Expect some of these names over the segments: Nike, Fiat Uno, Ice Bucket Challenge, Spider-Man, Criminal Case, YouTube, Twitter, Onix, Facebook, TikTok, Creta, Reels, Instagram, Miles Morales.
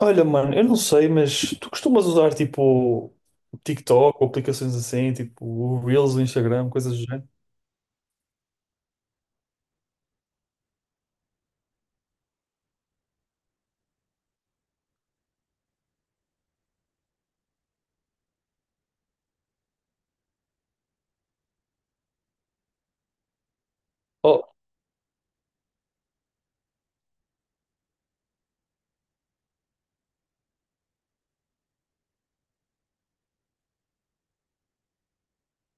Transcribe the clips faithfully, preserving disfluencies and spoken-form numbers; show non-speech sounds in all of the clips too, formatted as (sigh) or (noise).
Olha, mano, eu não sei, mas tu costumas usar tipo TikTok ou aplicações assim, tipo o Reels do Instagram, coisas do género? Oh,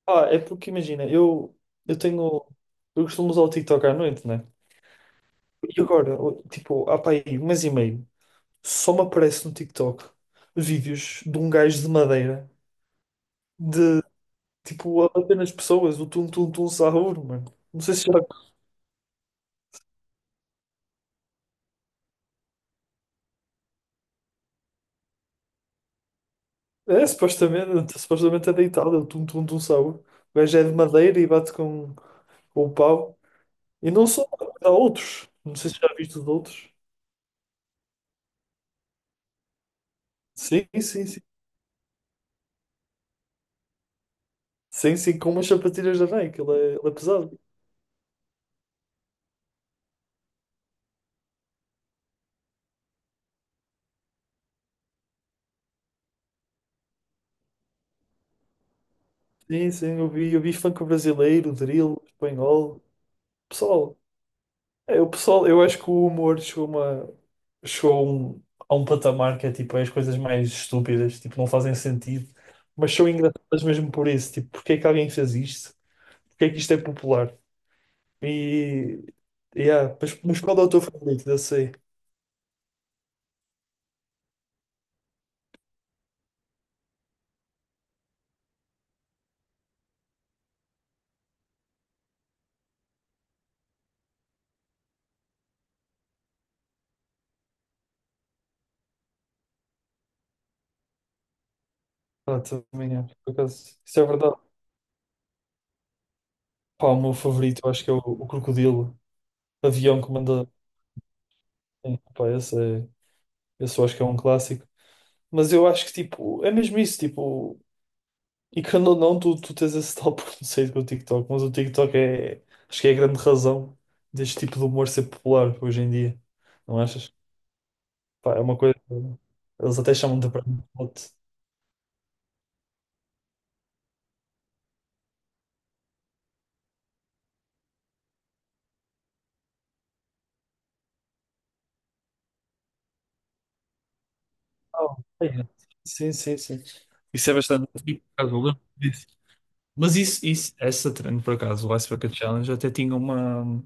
pá, é porque imagina, eu, eu tenho. Eu costumo usar o TikTok à noite, né? E agora, o- tipo, há pá aí um mês e meio, só me aparece no TikTok vídeos de um gajo de madeira, de tipo, a bater nas pessoas, o tum-tum-tum sahur, mano. Não sei se já. É, supostamente, supostamente é deitado, é o tum-tum-tum sahur. O gajo é de madeira e bate com, com o pau. E não só, há outros. Não sei se já viste os outros. Sim, sim, sim. Sim, sim, com umas sapatilhas da Nike, ele é, ele é pesado. Sim, sim, eu vi, eu vi funk brasileiro, drill, espanhol. Pessoal, é, o pessoal, eu acho que o humor chegou, a uma, chegou a um, a um patamar que é tipo, é as coisas mais estúpidas, tipo, não fazem sentido, mas são engraçadas mesmo por isso. Tipo, porque é que alguém fez isto? Porque é que isto é popular? E, yeah, mas, mas qual é o teu favorito? Eu sei. Ah, também é, por acaso, isso é verdade. Pá, o meu favorito, eu acho que é o, o Crocodilo, Avião Comandante. Sim, pá, esse, é, esse eu acho que é um clássico. Mas eu acho que, tipo, é mesmo isso, tipo, e quando ou não, tu, tu tens esse tal (laughs) preconceito com o TikTok, mas o TikTok é, acho que é a grande razão deste tipo de humor ser popular hoje em dia, não achas? Pá, é uma coisa, eles até chamam de brand spot. Ah, é. Sim, sim, sim. Isso é bastante. E, por acaso, eu lembro disso. Mas isso, isso, essa trend, por acaso, o Ice Bucket Challenge até tinha uma.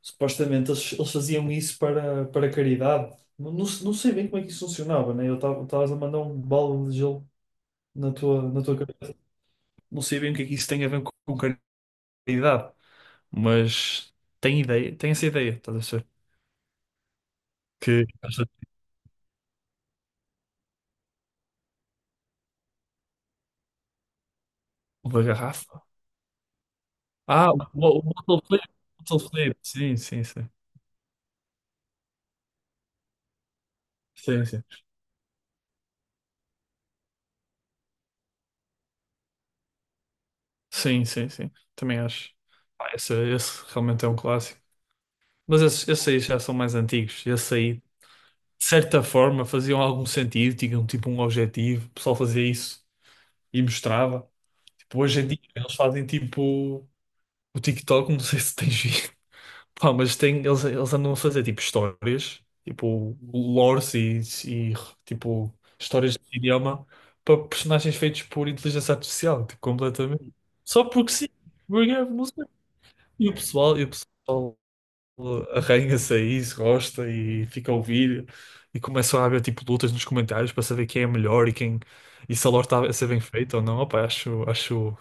Supostamente eles, eles faziam isso para, para caridade. Não, não, se- não sei bem como é que isso funcionava, né? Eu estava estavas a mandar um balde de gelo na tua, na tua cabeça. Não sei bem o que é que isso tem a ver com, com caridade, mas tem ideia, tem essa ideia, estás a ver? Que uma garrafa. Ah, o o- o bottle flip, bottle flip. Sim, sim, sim. Sim, sim. Sim, sim, sim. Também acho. Ah, esse, esse realmente é um clássico. Mas esses, esses aí já são mais antigos. Esse aí de certa forma faziam algum sentido, tinham tipo um objetivo, o pessoal fazia isso e mostrava. Tipo, hoje em dia eles fazem tipo o TikTok, não sei se tens visto, (laughs) pá, mas tem, eles, eles andam a fazer tipo histórias, tipo lores e, e tipo histórias de idioma para personagens feitos por inteligência artificial, tipo, completamente. Só porque sim, porque é, não sei. E o pessoal, e o pessoal arranha-se a isso, gosta e fica a ouvir e começam a haver tipo lutas nos comentários para saber quem é melhor e quem e se a lore está a ser bem feita ou não. Opa, acho, acho,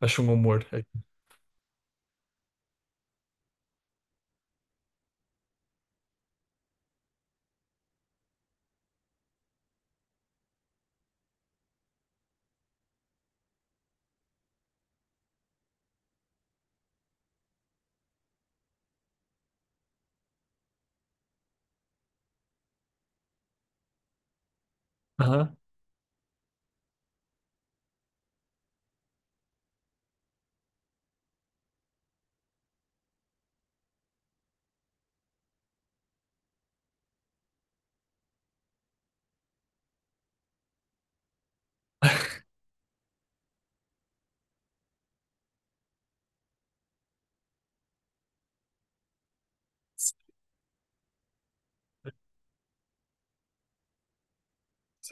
acho um humor. É. Aham.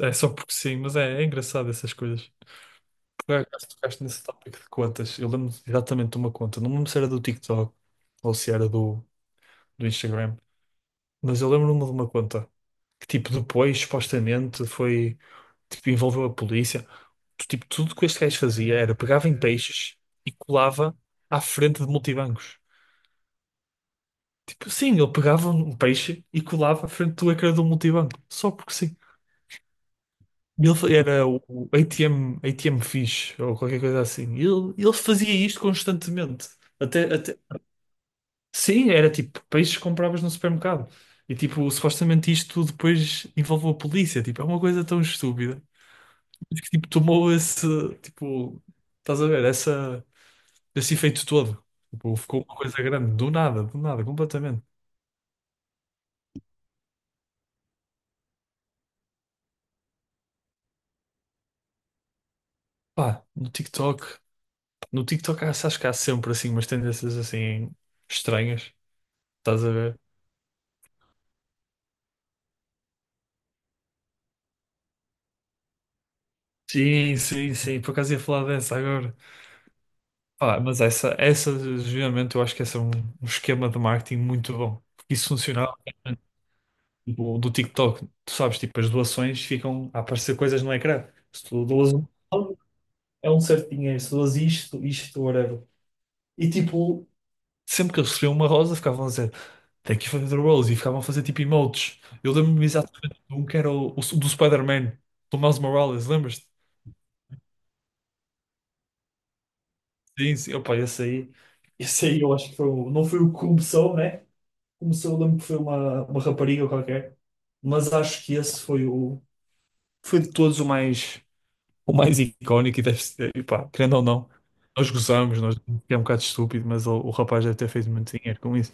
É só porque sim, mas é, é engraçado essas coisas. Por acaso tocaste nesse tópico de contas. Eu lembro exatamente de uma conta. Não me lembro se era do TikTok ou se era do, do Instagram, mas eu lembro-me de uma conta que tipo depois supostamente foi tipo envolveu a polícia. Tu- Tipo, tudo que este gajo fazia era pegava em peixes e colava à frente de multibancos. Tipo, sim, ele pegava um peixe e colava à frente do ecrã do multibanco, só porque sim. E ele fa- era o o A T M, A T M fish ou qualquer coisa assim. E Ele, ele fazia isto constantemente. Até, até... Sim, era tipo peixes que compravas no supermercado. E tipo, supostamente isto depois envolveu a polícia. Tipo, é uma coisa tão estúpida que tipo, tomou esse, tipo, estás a ver, essa, esse efeito todo. Tipo, ficou uma coisa grande, do nada, do nada, completamente. Pá, no TikTok, no TikTok há- acho que há sempre assim umas tendências assim estranhas, estás a ver? Sim, sim, sim, por acaso ia falar dessa agora. Pá, mas essa, essa, geralmente, eu acho que essa é um, um esquema de marketing muito bom. Porque isso funcionava, tipo, do TikTok, tu sabes, tipo, as doações ficam a aparecer coisas no ecrã. Se tu doas um. é um certo dinheiro, se dás isto, isto, whatever. E tipo, sempre que eles recebiam uma rosa, ficavam a dizer "Thank you for the rose", e ficavam a fazer tipo emotes. Eu lembro-me exatamente de um que era o, o do Spider-Man, do Miles Morales, lembras-te? Sim, sim, opa, esse aí, esse aí eu acho que foi, o- não foi o que começou, né? Começou, eu lembro que foi uma, uma rapariga qualquer, mas acho que esse foi o, foi de todos o mais, o mais icónico e deve ser, e pá, querendo ou não. Nós gozamos, nós é um bocado estúpido, mas o, o rapaz deve ter feito muito dinheiro com isso.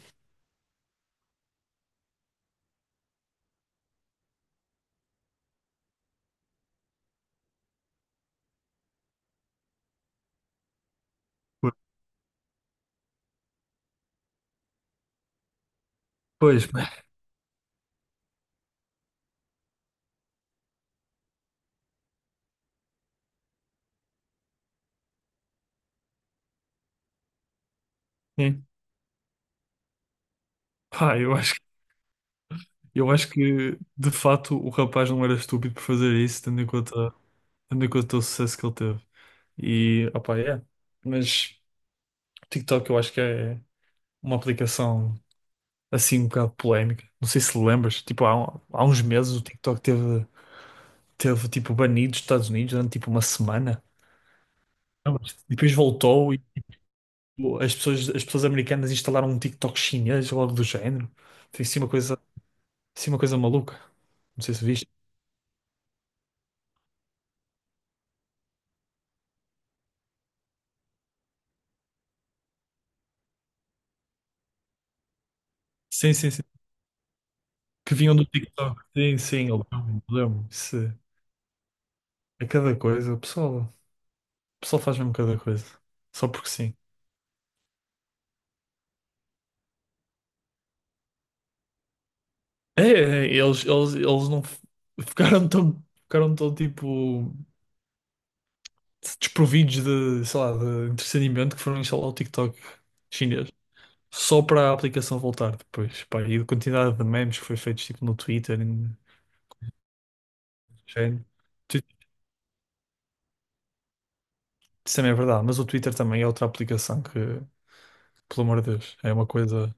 Pois, (laughs) sim. Pá, eu acho, eu acho que de fato o rapaz não era estúpido por fazer isso, tendo em conta, tendo em conta o sucesso que ele teve. E, opá, é. Mas o TikTok eu acho que é uma aplicação assim um bocado polémica. Não sei se lembras, tipo, há, um- há uns meses o TikTok teve, teve tipo banido dos Estados Unidos durante tipo uma semana. Lembras. E depois voltou e tipo, as pessoas, as pessoas americanas instalaram um TikTok chinês ou algo do género. Foi assim uma coisa, assim uma coisa maluca. Não sei se viste. Sim, sim, sim. Que vinham do TikTok. Sim, sim, eu lembro. lembro. Isso é cada coisa. O pessoal, o pessoal faz mesmo cada coisa. Só porque sim. É, é, é, eles, eles, eles não f- ficaram tão, ficaram tão tipo desprovidos de, sei lá, de entretenimento que foram instalar o TikTok chinês. Só para a aplicação voltar depois. Pá, e a quantidade de memes que foi feito tipo no Twitter e no género. Tu- Isso também é verdade, mas o Twitter também é outra aplicação que, pelo amor de Deus, é uma coisa.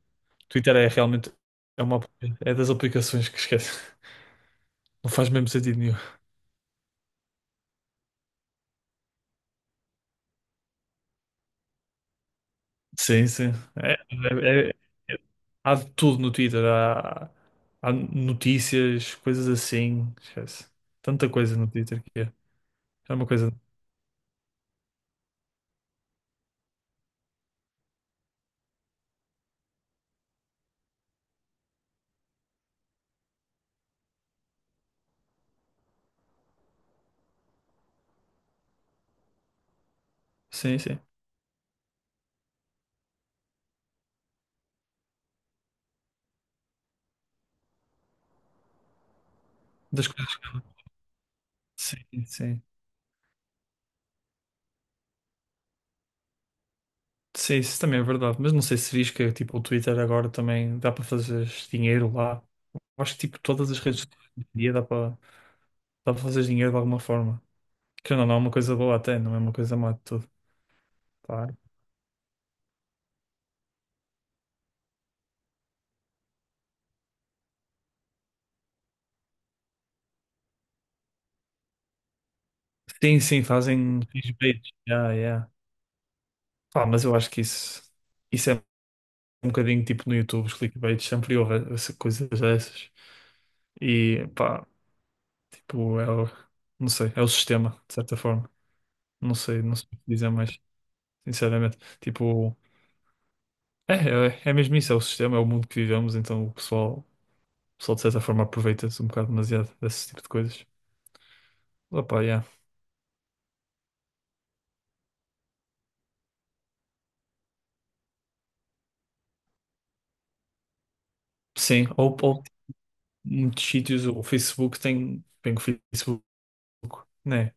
Twitter é realmente é uma, é das aplicações que esquece. (laughs) Não faz mesmo sentido nenhum. Sim, sim. É- é- é- é- há de tudo no Twitter. Há, há notícias, coisas assim. Esquece. Tanta coisa no Twitter que é. É uma coisa. Sim, sim. Das coisas. Sim, sim. Sim, isso também é verdade. Mas não sei se viste que tipo, o Twitter agora também dá para fazer dinheiro lá. Acho que tipo, todas as redes sociais hoje em dia dá para dá para fazer dinheiro de alguma forma. Que não, não é uma coisa boa até, não é uma coisa má de tudo. Sim, sim, fazem clickbaits. Yeah, yeah. Pá, mas eu acho que isso, isso é um bocadinho tipo no YouTube, os clickbaits, sempre houve essa- coisas dessas. E pá, tipo, é o, não sei, é o sistema, de certa forma. Não sei, não sei o que dizer mais, sinceramente. Tipo, é, é, é mesmo isso, é o sistema, é o mundo que vivemos, então o pessoal, o pessoal de certa forma aproveita-se um bocado demasiado desse tipo de coisas. Opa, yeah. Sim, ou, ou muitos sítios, o Facebook tem, tem o Facebook, né?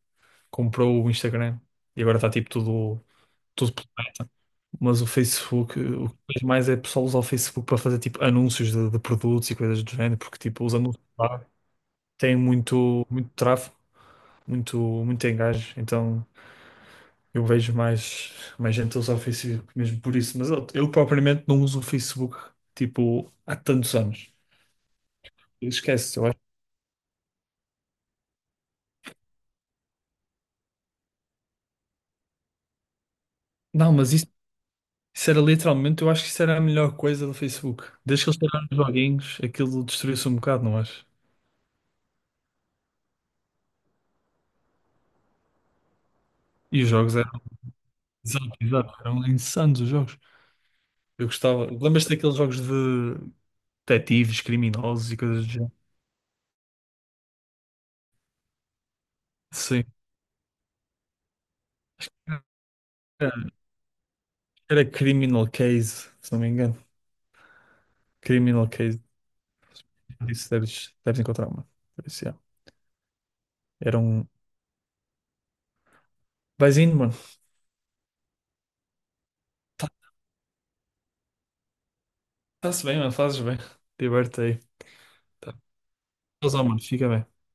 Comprou o Instagram e agora está tipo tudo, tudo. Mas o Facebook, o que vejo mais é pessoal usar o Facebook para fazer tipo anúncios de, de produtos e coisas do género, porque tipo os anúncios lá têm muito, muito tráfego, muito, muito engajo, então eu vejo mais, mais gente a usar o Facebook mesmo por isso. Mas eu, eu propriamente não uso o Facebook tipo há tantos anos. Esquece, eu acho. Não, mas isso, isso era literalmente, eu acho que isso era a melhor coisa do Facebook. Desde que eles tiraram os joguinhos, aquilo destruiu-se um bocado, não acho? E os jogos é. Exato, exato. Eram insanos os jogos. Eu gostava. Lembras-te daqueles jogos de detetives, criminosos e coisas do género? Sim. Era era Criminal Case, se não me engano. Criminal Case. Isso deves, deves encontrar, mano. Por isso, yeah. Era um. Vais indo, mano. Está-se bem, mano. Fazes bem. Diverte aí. Tá. Tchauzão, mano. Fica bem.